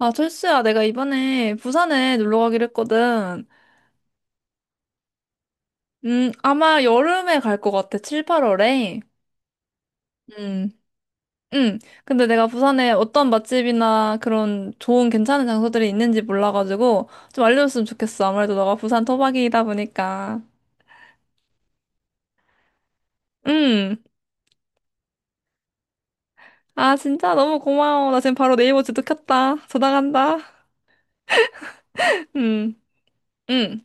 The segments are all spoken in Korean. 아, 철수야, 내가 이번에 부산에 놀러 가기로 했거든. 아마 여름에 갈 것 같아, 7, 8월에. 음, 근데 내가 부산에 어떤 맛집이나 그런 좋은 괜찮은 장소들이 있는지 몰라가지고 좀 알려줬으면 좋겠어. 아무래도 너가 부산 토박이다 보니까. 음. 아, 진짜 너무 고마워. 나 지금 바로 네이버 지도 켰다. 전화 간다. 음, 음.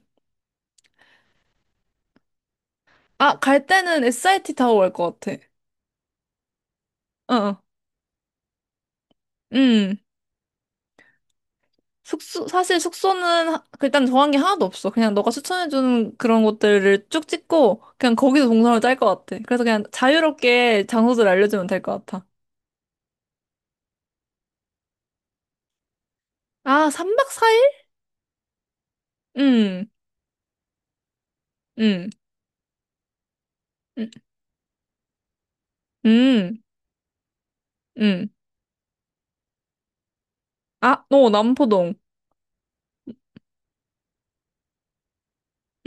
아, 갈 때는 SIT 타고 갈 것 같아. 어, 어. 음. 숙소, 사실 숙소는 그 일단 정한 게 하나도 없어. 그냥 너가 추천해주는 그런 곳들을 쭉 찍고, 그냥 거기서 동선을 짤 것 같아. 그래서 그냥 자유롭게 장소들 알려주면 될 것 같아. 아, 3박 4일? 음, 음, 음, 음. 음. 아, 너 남포동.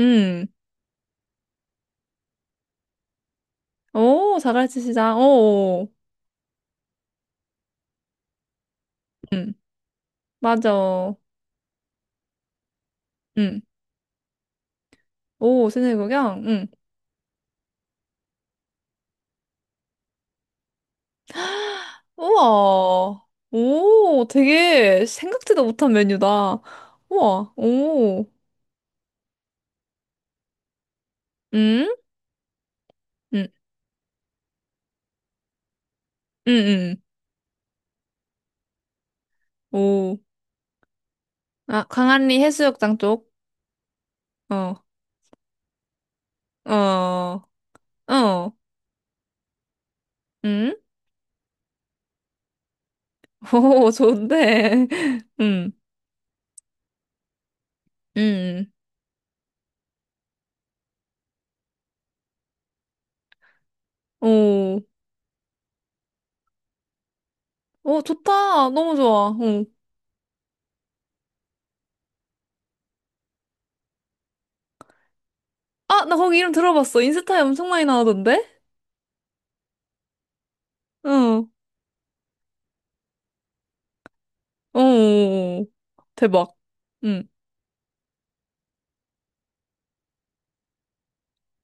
음. 오, 자갈치 시장. 오, 음. 맞아. 음. 오, 시내구경. 음. 우와. 오, 되게 생각지도 못한 메뉴다. 우와, 오. 음? 음. 응, 응. 오. 아, 광안리 해수욕장 쪽? 어, 어, 어, 응? 오, 좋은데. 응, 응, 오. 오, 좋다. 너무 좋아. 어. 아, 나 거기 이름 들어봤어. 인스타에 엄청 많이 나오던데? 응, 오. 대박. 응,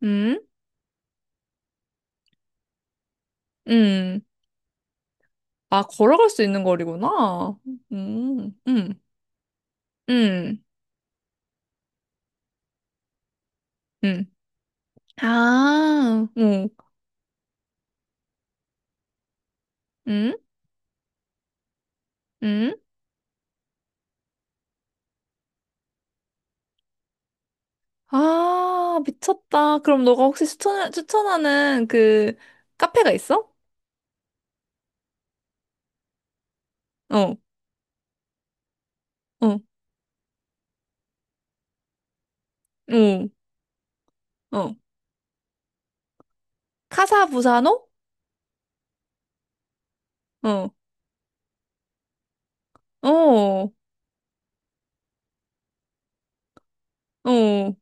응, 응. 아, 걸어갈 수 있는 거리구나. 응, 응, 응, 응. 아, 응, 응, 응. 아, 미쳤다. 그럼 너가 혹시 추천하는 그 카페가 있어? 어, 어, 어, 어. 카사부사노? 어, 어, 어.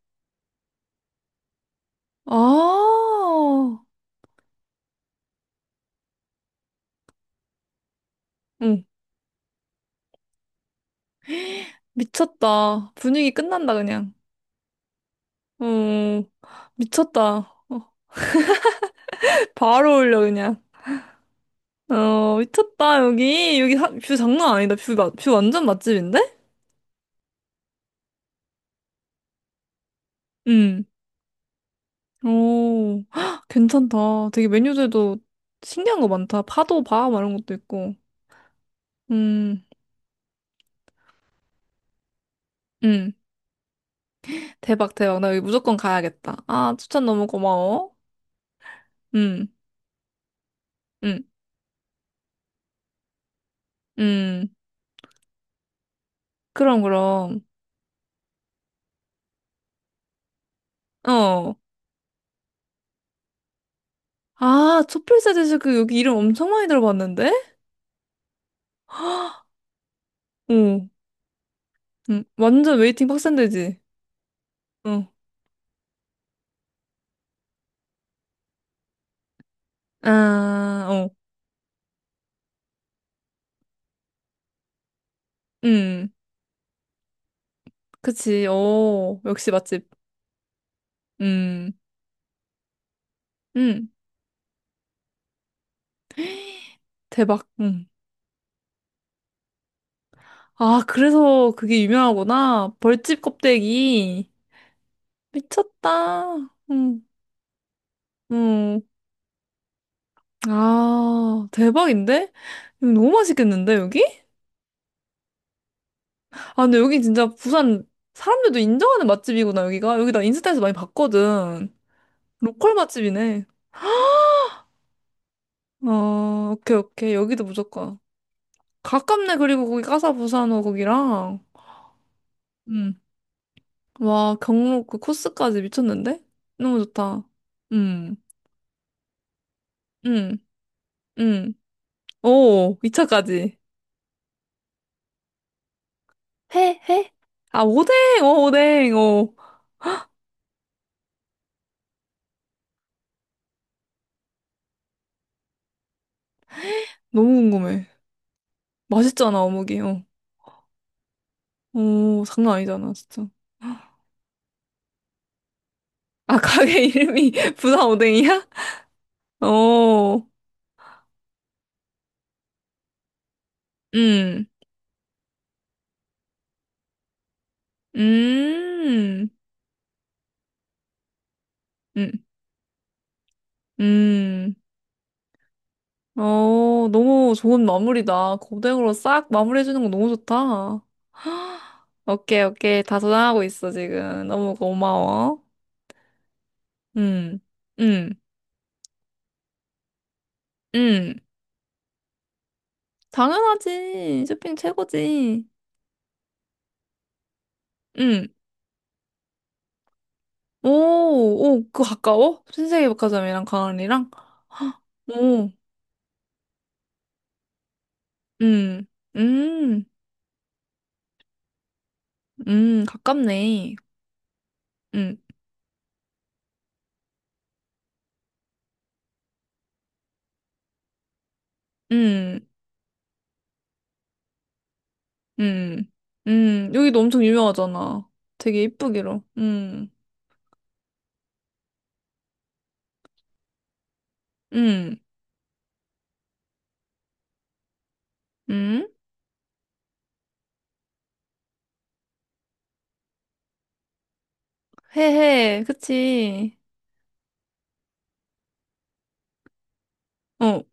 아, 응, 미쳤다. 분위기 끝난다, 그냥. 어, 미쳤다. 바로 올려, 그냥. 어, 미쳤다, 여기. 여기 뷰 장난 아니다. 뷰, 뷰 완전 맛집인데? 응. 오, 헉, 괜찮다. 되게 메뉴들도 신기한 거 많다. 파도바 막 이런 것도 있고. 음, 음. 대박, 대박. 나 여기 무조건 가야겠다. 아, 추천 너무 고마워. 음, 음, 음. 그럼, 그럼. 어. 아, 초필사 제시 그 여기 이름 엄청 많이 들어봤는데? 오, 완전 웨이팅 빡센데지? 어. 아, 어. 음. 그치. 오, 역시 맛집. 음, 음. 대박. 음. 아, 그래서 그게 유명하구나. 벌집 껍데기. 미쳤다. 응 응. 아, 대박인데? 이거 너무 맛있겠는데, 여기? 아, 근데 여기 진짜 부산 사람들도 인정하는 맛집이구나, 여기가. 여기 나 인스타에서 많이 봤거든. 로컬 맛집이네. 어, 오케이, 오케이. 여기도 무조건. 가깝네, 그리고 거기 까사부산호 거기랑. 응. 와, 경로 그 코스까지 미쳤는데? 너무 좋다. 응, 응, 응. 오, 2차까지. 회, 회? 아, 오뎅, 어, 오뎅, 어. 너무 궁금해. 맛있잖아, 어묵이, 어. 오, 장난 아니잖아, 진짜. 아, 가게 이름이 부산 오뎅이야? 어, 음, 음, 음, 음. 어, 너무 좋은 마무리다. 고등으로 싹 마무리해주는 거 너무 좋다. 오케이, 오케이. 다 저장하고 있어, 지금. 너무 고마워. 음, 음, 음. 당연하지. 쇼핑 최고지. 응. 오, 오, 그거 가까워? 신세계 백화점이랑 강원이랑? 헉, 오, 음, 음, 가깝네. 음, 음, 음, 여기도 엄청 유명하잖아. 되게 이쁘기로. 음, 음, 회해, 그치. 어,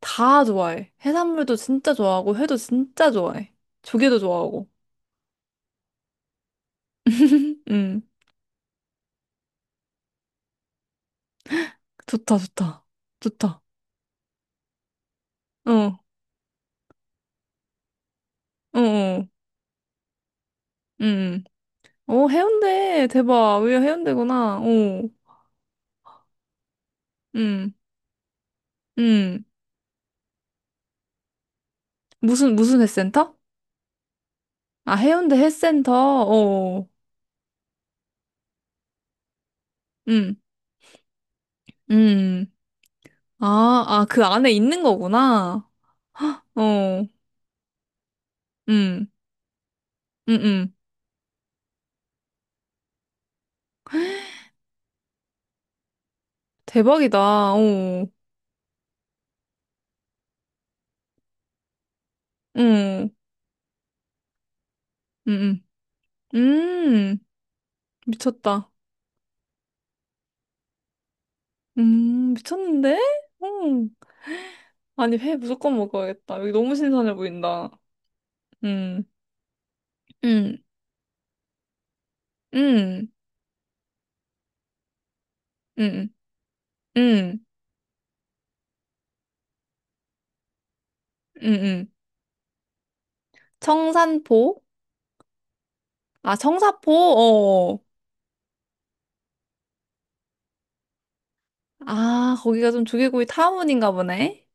다 좋아해. 해산물도 진짜 좋아하고, 회도 진짜 좋아해. 조개도 좋아하고. 음, 좋다, 좋다. 좋다. 어! 어, 어, 음. 어, 해운대. 대박. 왜 해운대구나. 어, 음, 음. 무슨, 무슨 헬스센터? 아, 해운대 헬스센터. 어, 음, 음. 아, 아, 그 안에 있는 거구나. 어, 음, 음, 음. 대박이다. 어, 음, 음, 음. 음, 미쳤다. 미쳤는데? 음. 아니, 회 무조건 먹어야겠다. 여기 너무 신선해 보인다. 음, 음, 음, 음, 음. 응응. 청산포? 아, 청사포? 어. 아, 거기가 좀 조개구이 타운인가 보네.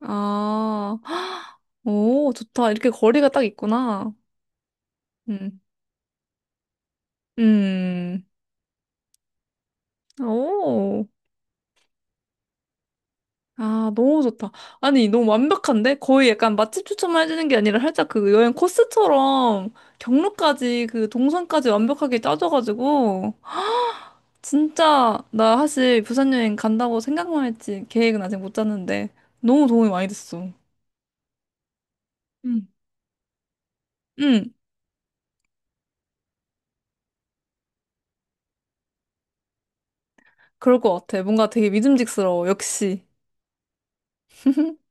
아, 헉, 오, 좋다. 이렇게 거리가 딱 있구나. 음, 음, 오. 아, 너무 좋다. 아니, 너무 완벽한데? 거의 약간 맛집 추천만 해주는 게 아니라 살짝 그 여행 코스처럼 경로까지 그 동선까지 완벽하게 짜줘가지고. 진짜 나 사실 부산 여행 간다고 생각만 했지 계획은 아직 못 짰는데 너무 도움이 많이 됐어. 응. 응, 그럴 것 같아. 뭔가 되게 믿음직스러워. 역시.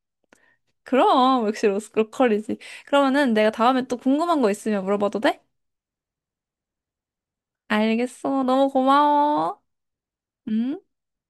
그럼 역시 로컬이지. 그러면은 내가 다음에 또 궁금한 거 있으면 물어봐도 돼? 알겠어. 너무 고마워. 응?